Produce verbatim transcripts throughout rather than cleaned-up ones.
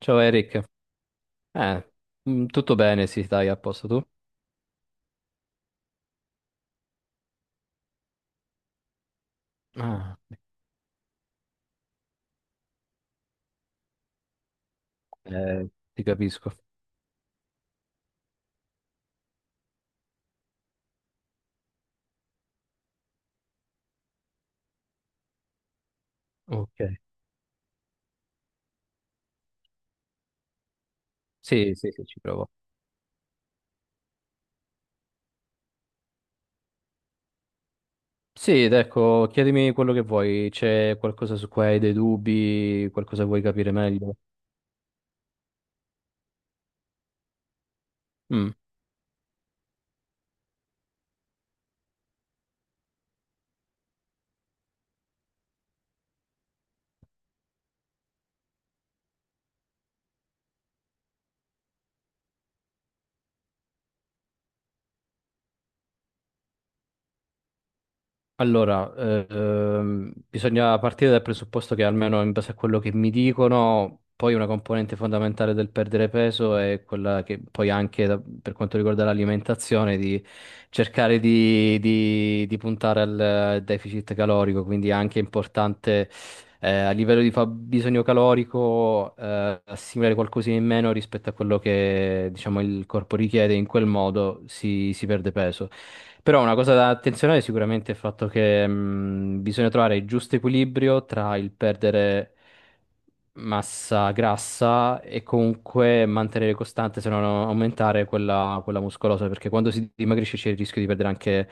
Ciao Eric, eh, mm, tutto bene, sì, dai, a posto tu? Ah, eh, ti capisco. Ok. Sì, sì, sì, ci provo. Sì, ed ecco, chiedimi quello che vuoi, c'è qualcosa su cui hai dei dubbi, qualcosa vuoi capire meglio? Mm. Allora, eh, ehm, bisogna partire dal presupposto che almeno in base a quello che mi dicono, poi una componente fondamentale del perdere peso è quella che poi anche da- per quanto riguarda l'alimentazione, di cercare di, di- di puntare al eh, deficit calorico, quindi è anche importante eh, a livello di fabbisogno calorico, eh, assimilare qualcosina in meno rispetto a quello che, diciamo, il corpo richiede, in quel modo si, si perde peso. Però una cosa da attenzionare sicuramente è il fatto che mh, bisogna trovare il giusto equilibrio tra il perdere massa grassa e comunque mantenere costante, se no non aumentare quella, quella muscolosa, perché quando si dimagrisce c'è il rischio di perdere anche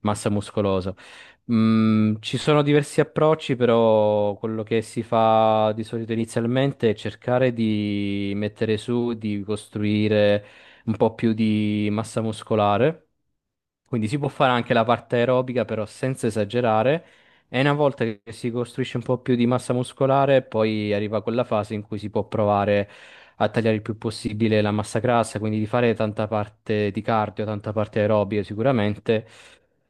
massa muscolosa. Mm, ci sono diversi approcci, però quello che si fa di solito inizialmente è cercare di mettere su, di costruire un po' più di massa muscolare, quindi si può fare anche la parte aerobica, però senza esagerare. E una volta che si costruisce un po' più di massa muscolare, poi arriva quella fase in cui si può provare a tagliare il più possibile la massa grassa, quindi di fare tanta parte di cardio, tanta parte aerobica sicuramente,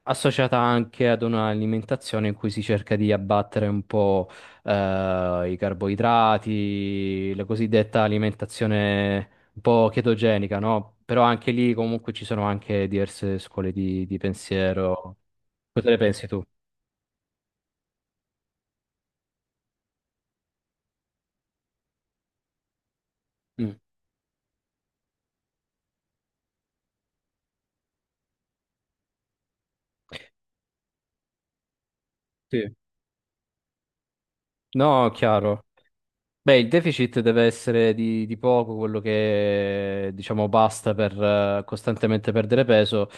associata anche ad un'alimentazione in cui si cerca di abbattere un po' eh, i carboidrati, la cosiddetta alimentazione un po' chetogenica, no? Però anche lì comunque ci sono anche diverse scuole di, di pensiero. Cosa ne pensi tu? Mm, sì. No, chiaro. Beh, il deficit deve essere di, di poco, quello che diciamo basta per eh, costantemente perdere peso,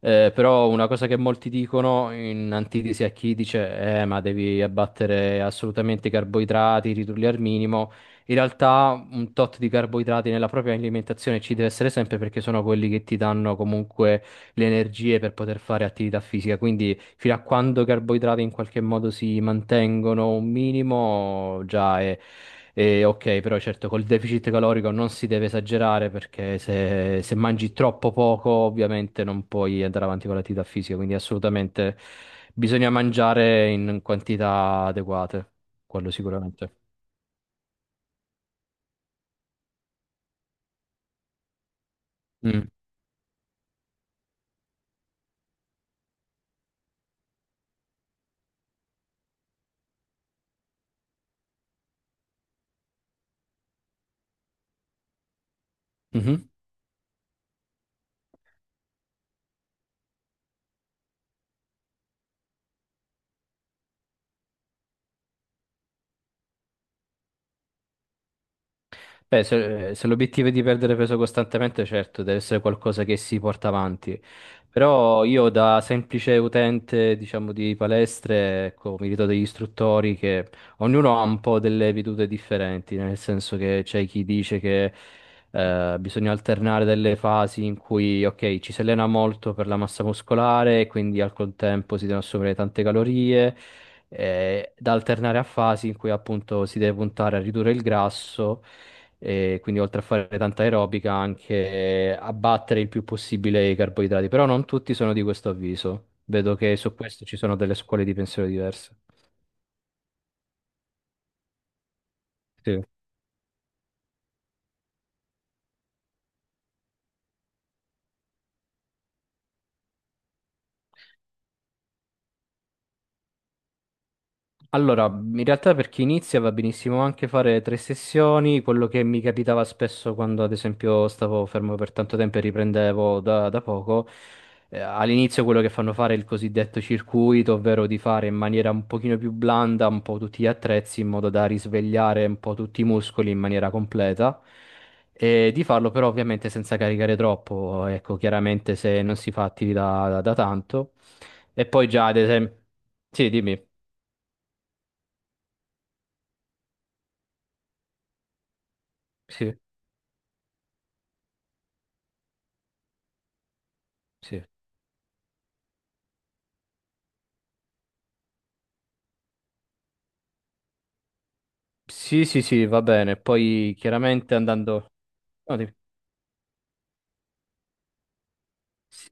eh, però una cosa che molti dicono in antitesi a chi dice eh, ma devi abbattere assolutamente i carboidrati, ridurli al minimo, in realtà un tot di carboidrati nella propria alimentazione ci deve essere sempre perché sono quelli che ti danno comunque le energie per poter fare attività fisica, quindi fino a quando i carboidrati in qualche modo si mantengono un minimo, già è, è ok, però certo col deficit calorico non si deve esagerare perché se, se mangi troppo poco ovviamente non puoi andare avanti con l'attività fisica, quindi assolutamente bisogna mangiare in quantità adeguate, quello sicuramente. Mm. Mhm. Beh, se, se l'obiettivo è di perdere peso costantemente, certo, deve essere qualcosa che si porta avanti. Però io da semplice utente, diciamo, di palestre, ecco, mi ritrovo degli istruttori che ognuno ha un po' delle vedute differenti, nel senso che c'è chi dice che eh, bisogna alternare delle fasi in cui, ok, ci si allena molto per la massa muscolare, e quindi al contempo si devono assumere tante calorie, eh, da alternare a fasi in cui appunto si deve puntare a ridurre il grasso e quindi oltre a fare tanta aerobica anche abbattere il più possibile i carboidrati, però non tutti sono di questo avviso. Vedo che su questo ci sono delle scuole di pensiero diverse. Sì. Allora, in realtà per chi inizia va benissimo anche fare tre sessioni, quello che mi capitava spesso quando ad esempio stavo fermo per tanto tempo e riprendevo da, da poco, eh, all'inizio quello che fanno fare è il cosiddetto circuito, ovvero di fare in maniera un pochino più blanda un po' tutti gli attrezzi in modo da risvegliare un po' tutti i muscoli in maniera completa e di farlo però ovviamente senza caricare troppo, ecco, chiaramente se non si fa attività da, da tanto. E poi già ad esempio... Sì, dimmi. Sì. Sì. Sì, sì, sì, va bene. Poi chiaramente andando... no, di-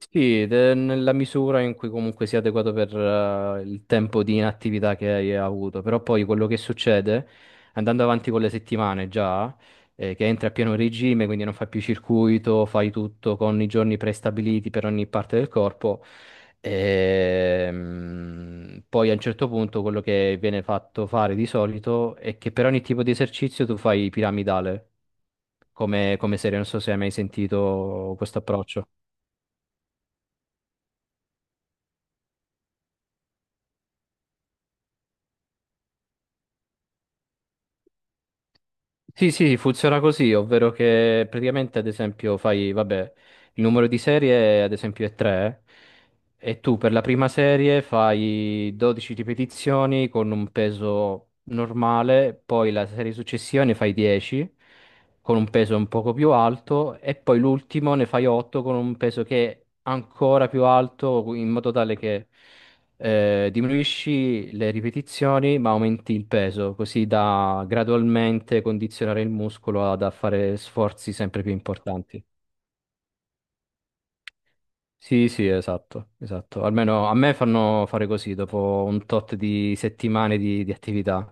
sì, ed è nella misura in cui comunque sia adeguato per eh, il tempo di inattività che hai avuto. Però poi quello che succede, andando avanti con le settimane già, eh, che entri a pieno regime, quindi non fai più circuito, fai tutto con i giorni prestabiliti per ogni parte del corpo. Ehm, poi a un certo punto quello che viene fatto fare di solito è che per ogni tipo di esercizio tu fai piramidale come, come serie, non so se hai mai sentito questo approccio. Sì, sì, funziona così, ovvero che praticamente ad esempio fai, vabbè, il numero di serie ad esempio è tre e tu per la prima serie fai dodici ripetizioni con un peso normale, poi la serie successiva ne fai dieci con un peso un poco più alto e poi l'ultimo ne fai otto con un peso che è ancora più alto in modo tale che eh, diminuisci le ripetizioni ma aumenti il peso, così da gradualmente condizionare il muscolo ad a fare sforzi sempre più importanti. Sì, sì, esatto, esatto. Almeno a me fanno fare così dopo un tot di settimane di, di attività.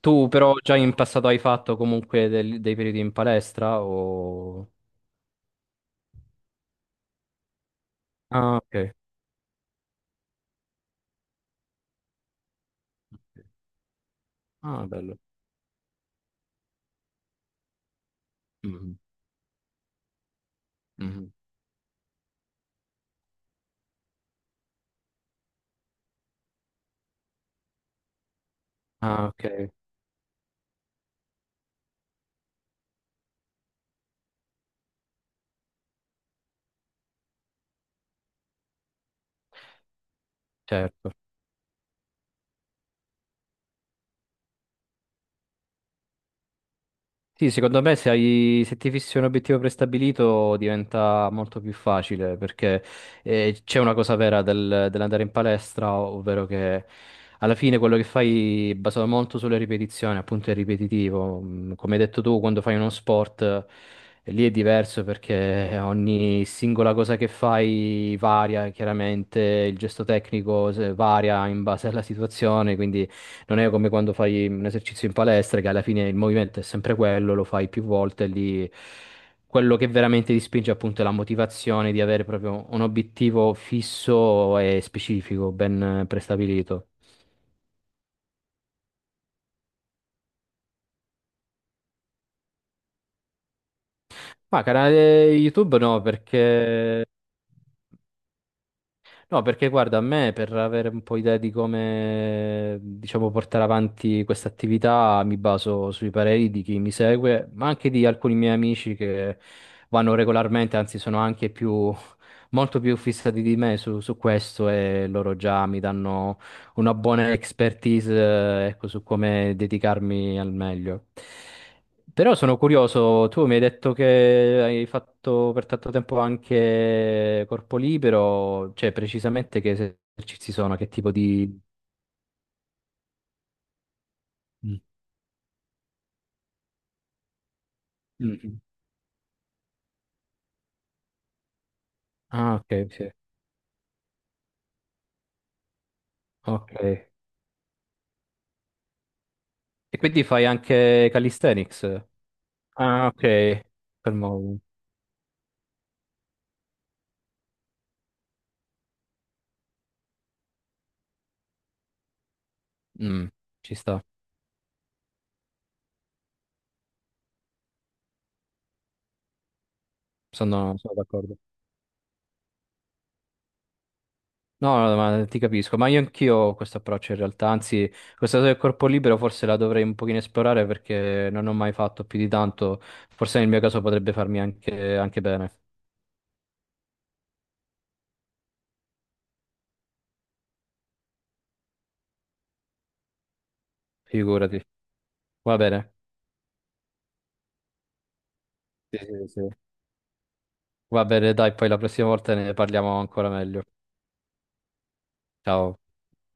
Tu però già in passato hai fatto comunque del- dei periodi in palestra o... Ah, ok. Ah, bello. Mhm, mhm. Ah, ok, certo. Sì, secondo me se hai, se ti fissi un obiettivo prestabilito diventa molto più facile perché eh, c'è una cosa vera del- dell'andare in palestra, ovvero che alla fine quello che fai è basato molto sulle ripetizioni, appunto è ripetitivo. Mm, come hai detto tu, quando fai uno sport eh, lì è diverso perché ogni singola cosa che fai varia chiaramente, il gesto tecnico se- varia in base alla situazione, quindi non è come quando fai un esercizio in palestra, che alla fine il movimento è sempre quello, lo fai più volte, lì quello che veramente ti spinge appunto è la motivazione di avere proprio un obiettivo fisso e specifico, ben eh, prestabilito. Ma canale YouTube no, perché no, perché guarda, a me per avere un po' idea di come, diciamo, portare avanti questa attività mi baso sui pareri di chi mi segue, ma anche di alcuni miei amici che vanno regolarmente, anzi sono anche più, molto più fissati di me su, su questo e loro già mi danno una buona expertise, eh, ecco, su come dedicarmi al meglio. Però sono curioso, tu mi hai detto che hai fatto per tanto tempo anche corpo libero, cioè precisamente che esercizi sono, che tipo di... Mm. Mm, mm. Ah, ok, sì. Ok. E quindi fai anche calisthenics? Ah, ok. Fermo. Mm, ci sta, sono sono d'accordo. No, no, ma ti capisco, ma io anch'io ho questo approccio in realtà, anzi, questa cosa del corpo libero forse la dovrei un pochino esplorare perché non ho mai fatto più di tanto, forse nel mio caso potrebbe farmi anche, anche bene, figurati. Va bene, sì, sì, sì. Va bene, dai, poi la prossima volta ne parliamo ancora meglio. Ciao.